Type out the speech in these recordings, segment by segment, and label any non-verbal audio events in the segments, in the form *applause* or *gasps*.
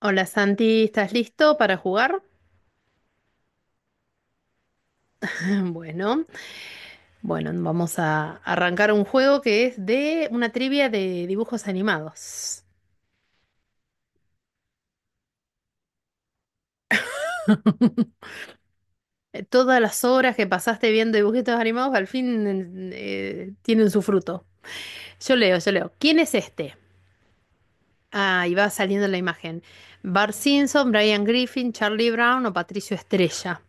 Hola Santi, ¿estás listo para jugar? *laughs* Bueno, bueno, vamos a arrancar un juego que es de una trivia de dibujos animados. Todas las horas que pasaste viendo dibujitos animados al fin tienen su fruto. Yo leo, yo leo. ¿Quién es este? Ah, y va saliendo la imagen. Bart Simpson, Brian Griffin, Charlie Brown o Patricio Estrella.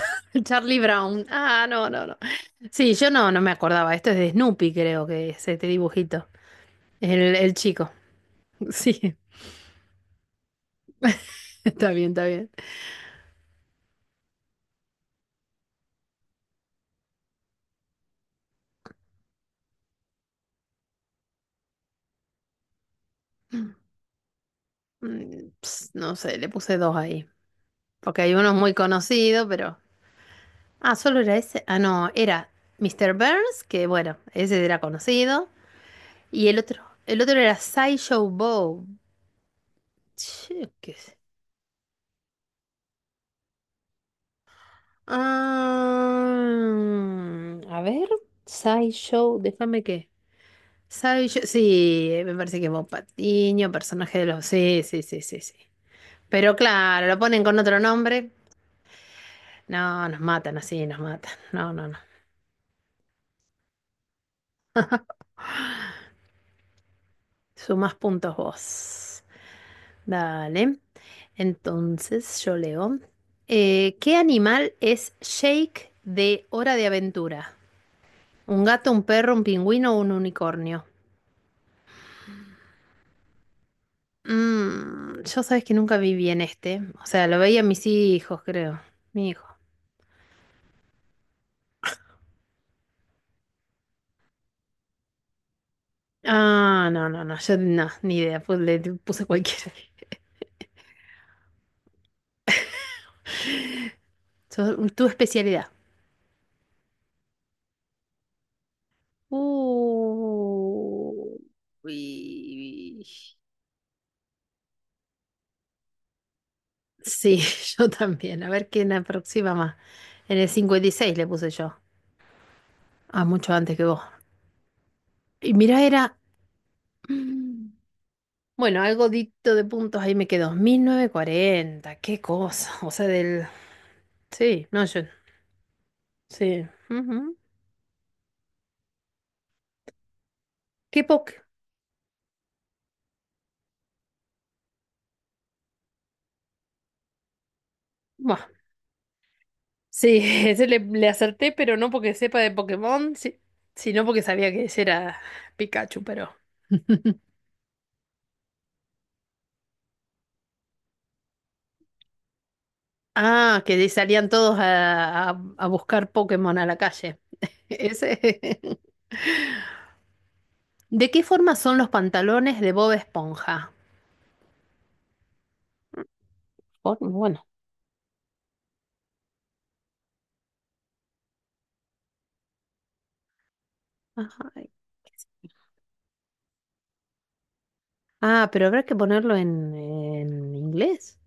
*laughs* Charlie Brown. Ah, no, no, no. Sí, yo no me acordaba. Esto es de Snoopy, creo que es este dibujito. El chico. Sí, *laughs* está bien, está bien. Mm, ps, no sé, le puse dos ahí. Porque hay unos muy conocidos, pero. Ah, solo era ese. Ah, no, era Mister Burns, que bueno, ese era conocido. Y el otro era Sideshow Bob. Che, ¿qué es? Ah, a ver, Sideshow, déjame que. Sideshow, sí, me parece que es Bob Patiño, personaje de los. Sí, sí, sí, sí, sí. Pero claro, lo ponen con otro nombre. No, nos matan así, nos matan. *laughs* No, no, no. Sumas puntos vos. Dale. Entonces yo leo. ¿Qué animal es Shake de Hora de Aventura? ¿Un gato, un perro, un pingüino o un unicornio? Yo sabes que nunca vi bien este. O sea, lo veía mis hijos, creo. Mi hijo. Ah, no, no, no. Yo no, ni idea. Pues le puse cualquiera. *laughs* Tu especialidad. Uh, Uy. Sí, *laughs* yo también. A ver quién aproxima más. En el 56 le puse yo. Ah, mucho antes que vos. Y mira era... *clears throat* Mm. Bueno, algo dicto de puntos ahí me quedó. 1940 qué cosa. O sea, del... Sí, no, yo... Sí. Ujú. Qué poco. Sí, *laughs* ese le acerté, pero no porque sepa de Pokémon, sino porque sabía que ese era Pikachu, pero... *laughs* Ah, que salían todos a buscar Pokémon a la calle. *laughs* Ese. ¿De qué forma son los pantalones de Bob Esponja? Bueno. Ajá. Ah, pero habrá que ponerlo en, inglés.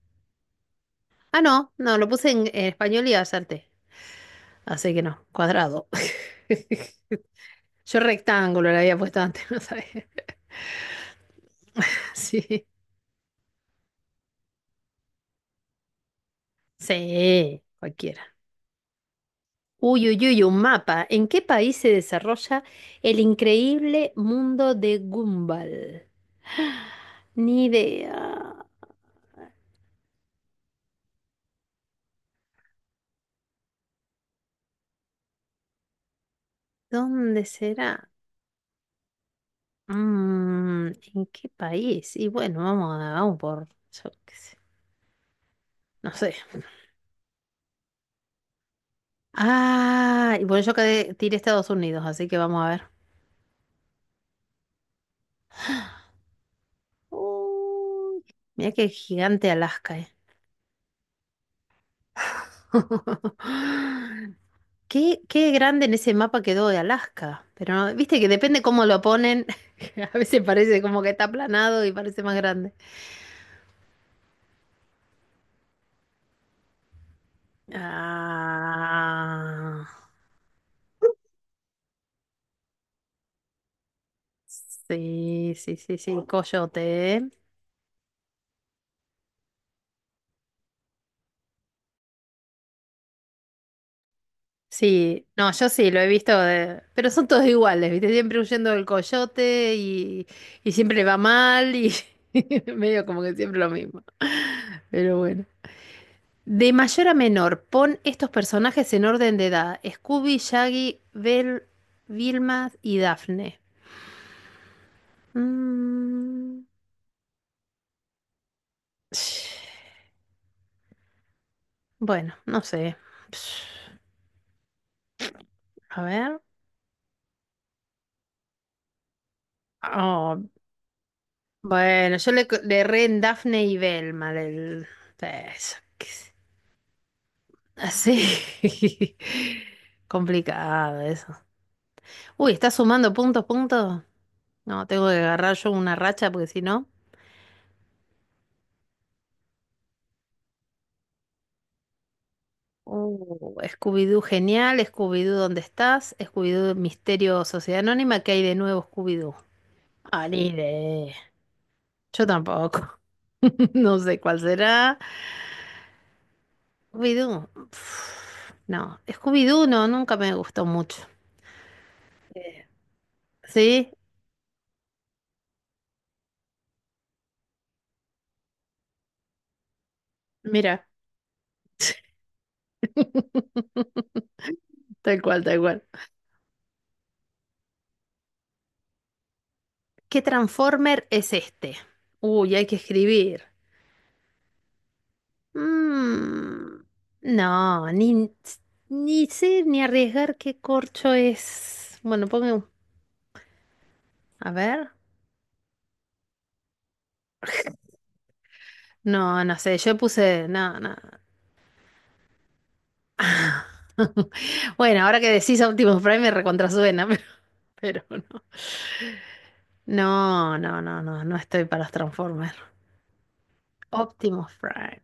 Ah, no, no, lo puse en español y acerté. Así que no, cuadrado. *laughs* Yo rectángulo le había puesto antes, *laughs* no sabía. Sí, sí, cualquiera. Uy, uy, uy, un mapa. ¿En qué país se desarrolla el increíble mundo de Gumball? *gasps* *sighs* Ni idea. ¿Dónde será? Mm, ¿en qué país? Y bueno, vamos, vamos por, yo qué sé, no sé. Ah, y bueno, tiré Estados Unidos, así que vamos a ver. Uy, mira qué gigante Alaska, eh. *laughs* Qué grande en ese mapa quedó de Alaska. Pero viste que depende cómo lo ponen. *laughs* A veces parece como que está aplanado y parece más grande. Ah, sí, sí, sí, sí, coyote, ¿eh? Sí, no, yo sí, lo he visto, pero son todos iguales, ¿viste? Siempre huyendo del coyote y siempre le va mal y *laughs* medio como que siempre lo mismo. Pero bueno. De mayor a menor, pon estos personajes en orden de edad. Scooby, Shaggy, Bell, Vilma y Daphne. Mm, bueno, no sé. A ver. Oh, bueno, yo le erré en Daphne y Velma. Eso, qué sé. Así. *laughs* Complicado eso. Uy, ¿estás sumando puntos, puntos? No, tengo que agarrar yo una racha porque si no. Scooby-Doo genial, Scooby-Doo ¿dónde estás? Scooby-Doo Misterio Sociedad Anónima, ¿qué hay de nuevo Scooby-Doo? Ah, ni idea. Yo tampoco. *laughs* No sé cuál será. Scooby-Doo. No, Scooby-Doo no, nunca me gustó mucho. ¿Sí? Mira. *laughs* Tal cual, tal cual. ¿Qué Transformer es este? Uy, hay que escribir. Mm, no, ni sé ni arriesgar qué corcho es. Bueno, a ver. No, no sé, yo puse, no, no. *laughs* Bueno, ahora que decís Optimus Prime me recontrasuena, *laughs* pero no. No, no, no, no, no estoy para los Transformers. Optimus Prime.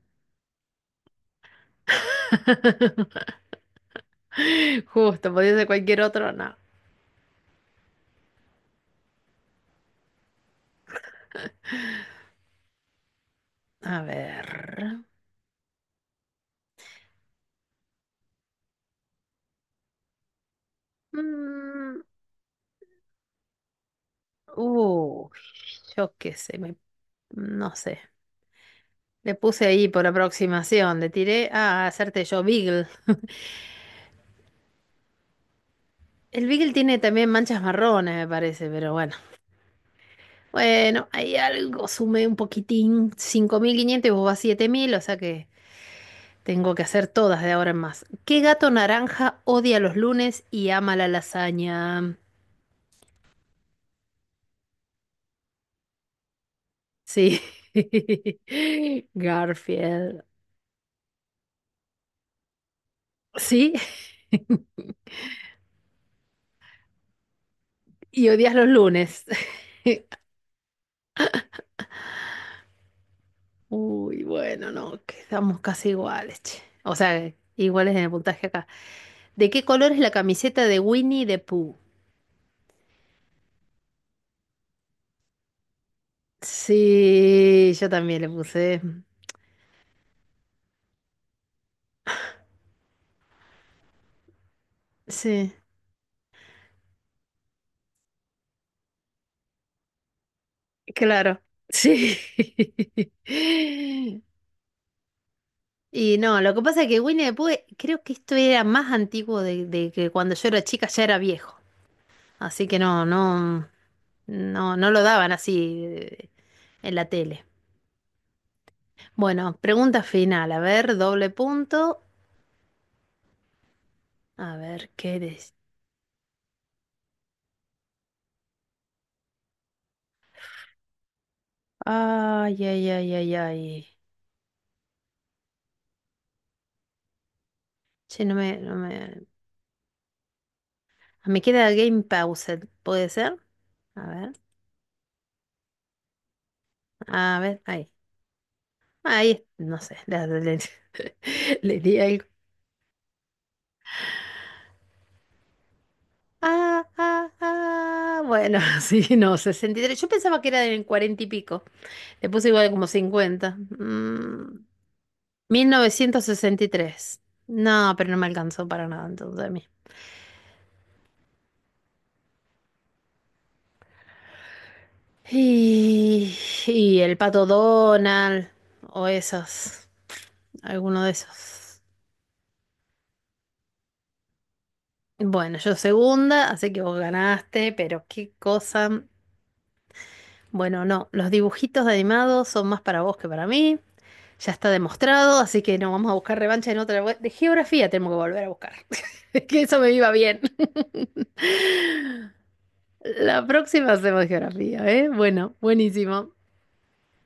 *laughs* Justo, podía ser cualquier otro, no. A ver. Mm, uy, yo qué sé, no sé. Le puse ahí por aproximación, le tiré a hacerte yo Beagle. El Beagle tiene también manchas marrones, me parece, pero bueno. Bueno, hay algo, sumé un poquitín, 5500 y vos vas 7000, o sea que tengo que hacer todas de ahora en más. ¿Qué gato naranja odia los lunes y ama la lasaña? Sí, *laughs* Garfield. Sí, y odias los lunes. *laughs* Uy, bueno, no, quedamos casi iguales, che. O sea, iguales en el puntaje acá. ¿De qué color es la camiseta de Winnie the Pooh? Sí, yo también le puse. Sí, claro. Sí. *laughs* Y no, lo que pasa es que Winnie the Pooh, creo que esto era más antiguo de que cuando yo era chica ya era viejo. Así que no, no, no, no lo daban así en la tele. Bueno, pregunta final. A ver, doble punto. A ver, ¿qué eres? Ay, ay, ay, ay, ay. Che, no me, Ah, me queda Game Paused, ¿puede ser? A ver, a ver, ahí. Ahí, no sé, *laughs* le di algo. Ah, ah, ah. Bueno, *laughs* sí, no, 63. Yo pensaba que era del 40 y pico. Le puse igual como 50. Mil novecientos sesenta y tres. No, pero no me alcanzó para nada entonces a mí. Y, y el pato Donald, o esos, alguno de esos. Bueno, yo segunda, así que vos ganaste, pero qué cosa. Bueno, no, los dibujitos de animados son más para vos que para mí. Ya está demostrado, así que no vamos a buscar revancha en otra. De geografía tenemos que volver a buscar. *laughs* Que eso me iba bien. *laughs* La próxima hacemos geografía, ¿eh? Bueno, buenísimo.